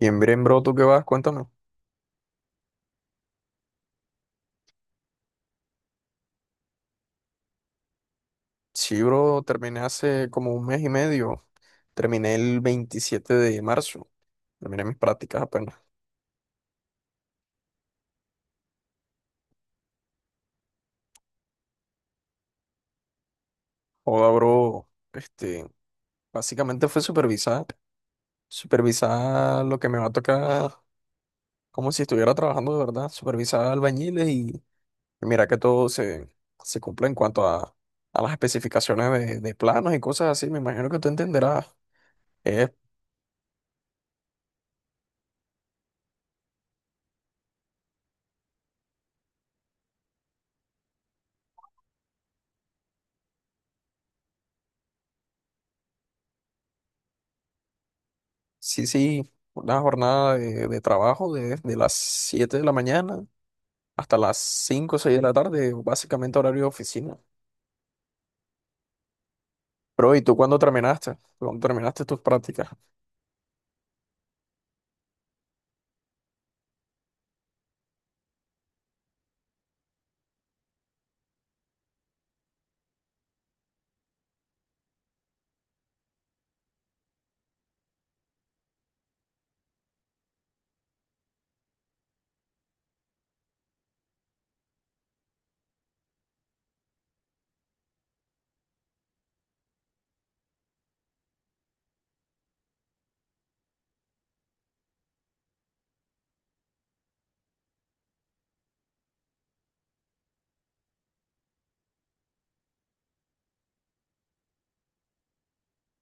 Bien, bien, bro, ¿tú qué vas? Cuéntame. Sí, bro, terminé hace como un mes y medio. Terminé el 27 de marzo. Terminé mis prácticas apenas. Joda, bro, básicamente fue supervisar. Supervisar lo que me va a tocar, como si estuviera trabajando de verdad. Supervisar albañiles y mira que todo se cumple en cuanto a las especificaciones de planos y cosas así. Me imagino que tú entenderás. Es, sí, sí, una jornada de trabajo de las 7 de la mañana hasta las 5 o 6 de la tarde, básicamente horario de oficina. Pero, ¿y tú cuándo terminaste? ¿Cuándo terminaste tus prácticas?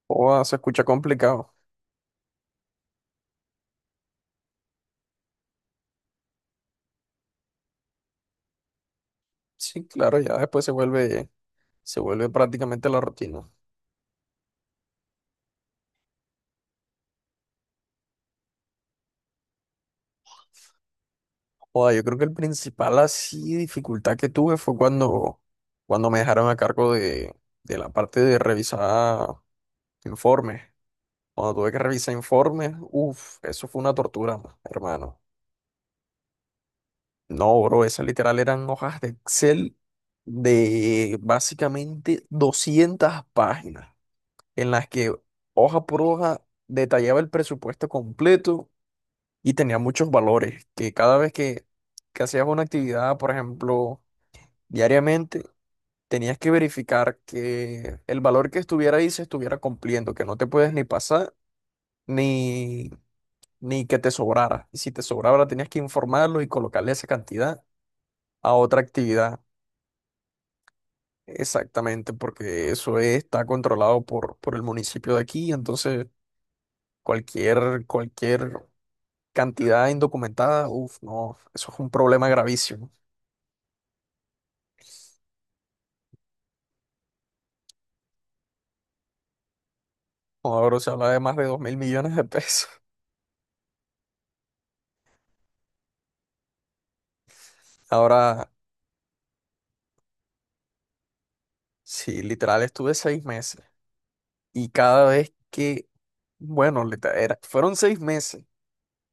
O se escucha complicado. Sí, claro, ya después se vuelve prácticamente la rutina. Joda, yo creo que el principal así dificultad que tuve fue cuando me dejaron a cargo de la parte de revisar informes. Cuando tuve que revisar informes, uff, eso fue una tortura, hermano. No, bro, esas literal eran hojas de Excel de básicamente 200 páginas, en las que hoja por hoja detallaba el presupuesto completo y tenía muchos valores, que cada vez que hacías una actividad, por ejemplo, diariamente, tenías que verificar que el valor que estuviera ahí se estuviera cumpliendo, que no te puedes ni pasar ni, ni que te sobrara. Y si te sobraba, tenías que informarlo y colocarle esa cantidad a otra actividad. Exactamente, porque eso está controlado por el municipio de aquí, entonces cualquier cantidad indocumentada, uff, no, eso es un problema gravísimo. Ahora se habla de más de 2.000 millones de pesos. Ahora, sí, literal, estuve 6 meses y cada vez que, bueno, literal fueron 6 meses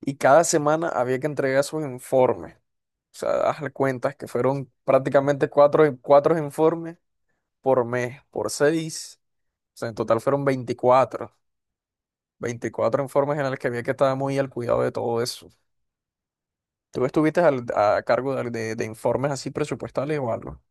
y cada semana había que entregar sus informes. O sea, hazle cuentas que fueron prácticamente cuatro informes por mes, por seis. O sea, en total fueron veinticuatro informes en los que había que estar muy al cuidado de todo eso. ¿Tú estuviste a cargo de informes así presupuestales o algo?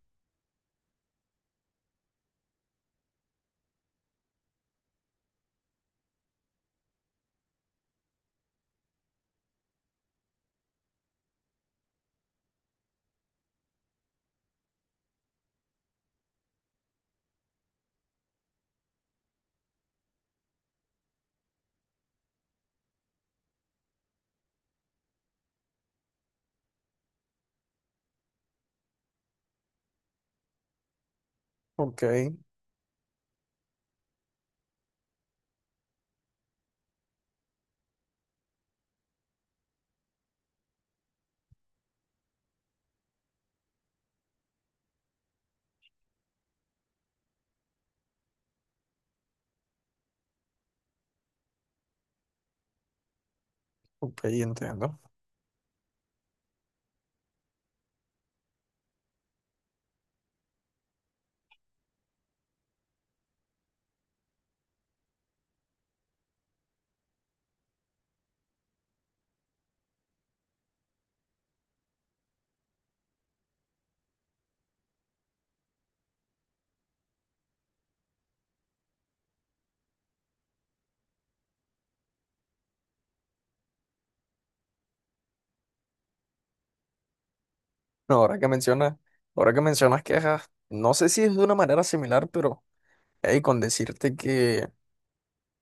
Ok, ok, entiendo. No, ahora que mencionas, quejas, no sé si es de una manera similar, pero hey, con decirte que,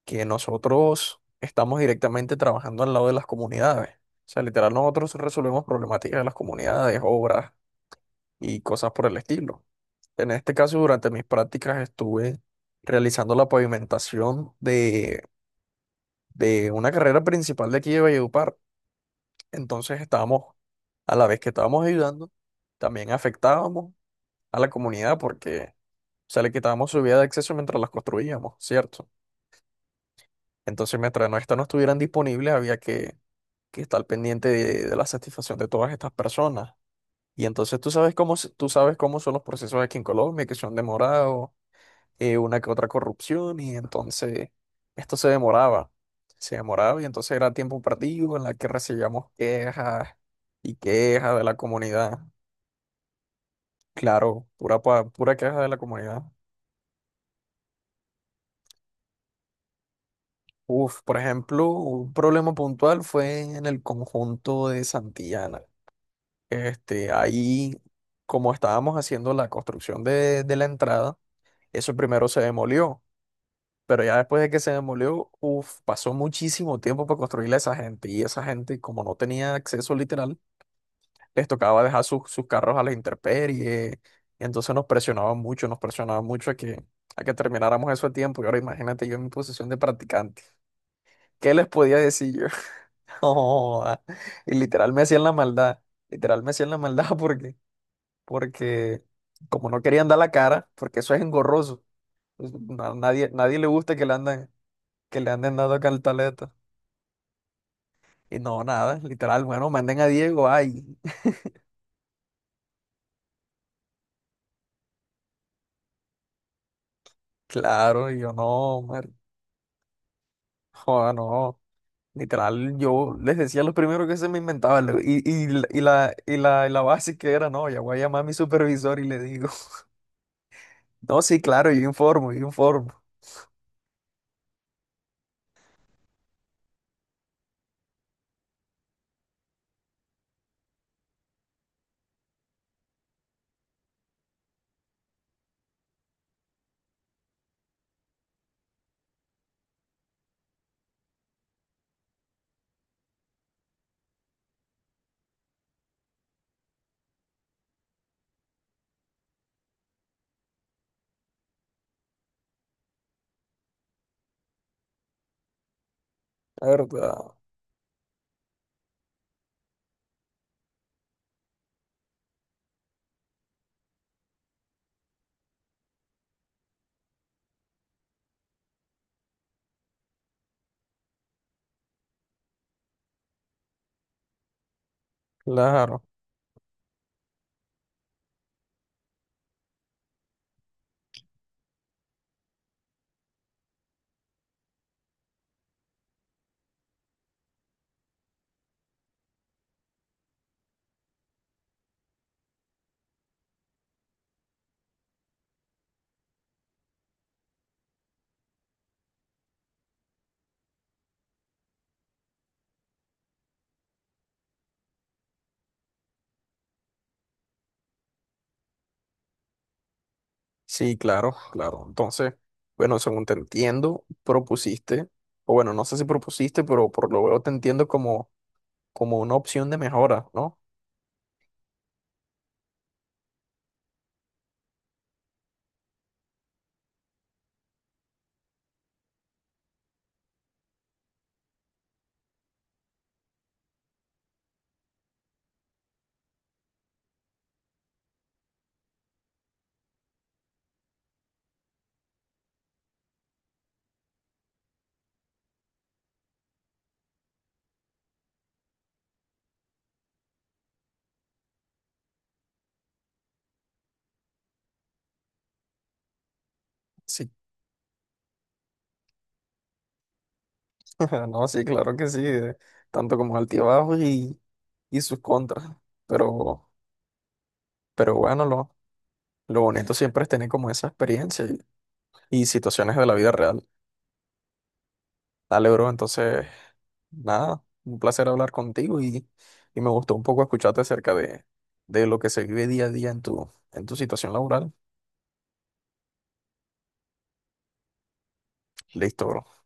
que nosotros estamos directamente trabajando al lado de las comunidades. O sea, literal, nosotros resolvemos problemáticas de las comunidades, obras y cosas por el estilo. En este caso, durante mis prácticas estuve realizando la pavimentación de una carrera principal de aquí de Valledupar. Entonces estábamos, a la vez que estábamos ayudando, también afectábamos a la comunidad porque se le quitábamos su vía de acceso mientras las construíamos, ¿cierto? Entonces, mientras no, estas no estuvieran disponibles, había que estar pendiente de la satisfacción de todas estas personas. Y entonces tú sabes cómo son los procesos aquí en Colombia, que son demorados, una que otra corrupción y entonces esto se demoraba y entonces era tiempo perdido en la que recibíamos quejas y quejas de la comunidad. Claro, pura queja de la comunidad. Uf, por ejemplo, un problema puntual fue en el conjunto de Santillana. Ahí, como estábamos haciendo la construcción de la entrada, eso primero se demolió. Pero ya después de que se demolió, uf, pasó muchísimo tiempo para construirle a esa gente. Y esa gente, como no tenía acceso literal, les tocaba dejar sus carros a la intemperie. Y entonces nos presionaban mucho a que termináramos eso a tiempo. Y ahora imagínate yo en mi posición de practicante. ¿Qué les podía decir yo? No, ah, y literal me hacían la maldad. Literal me hacían la maldad porque como no querían dar la cara, porque eso es engorroso. Pues, nadie le gusta que le anden, dando cantaleta. Y no, nada, literal, bueno, manden a Diego, ay, claro, y yo no. Joda, no, literal, yo les decía lo primero que se me inventaba, y la base que era, no, ya voy a llamar a mi supervisor y le digo, no, sí, claro, yo informo, la verdad, claro, sí, claro, claro, entonces, bueno, según te entiendo, propusiste, o bueno, no sé si propusiste, pero por lo veo te entiendo como una opción de mejora, ¿no? Sí No, sí, claro que sí, tanto como altibajos y sus contras, pero, pero bueno, lo bonito siempre es tener como esa experiencia y situaciones de la vida real. Dale, bro, entonces, nada, un placer hablar contigo y me gustó un poco escucharte acerca de lo que se vive día a día en tu situación laboral. Listo, bro.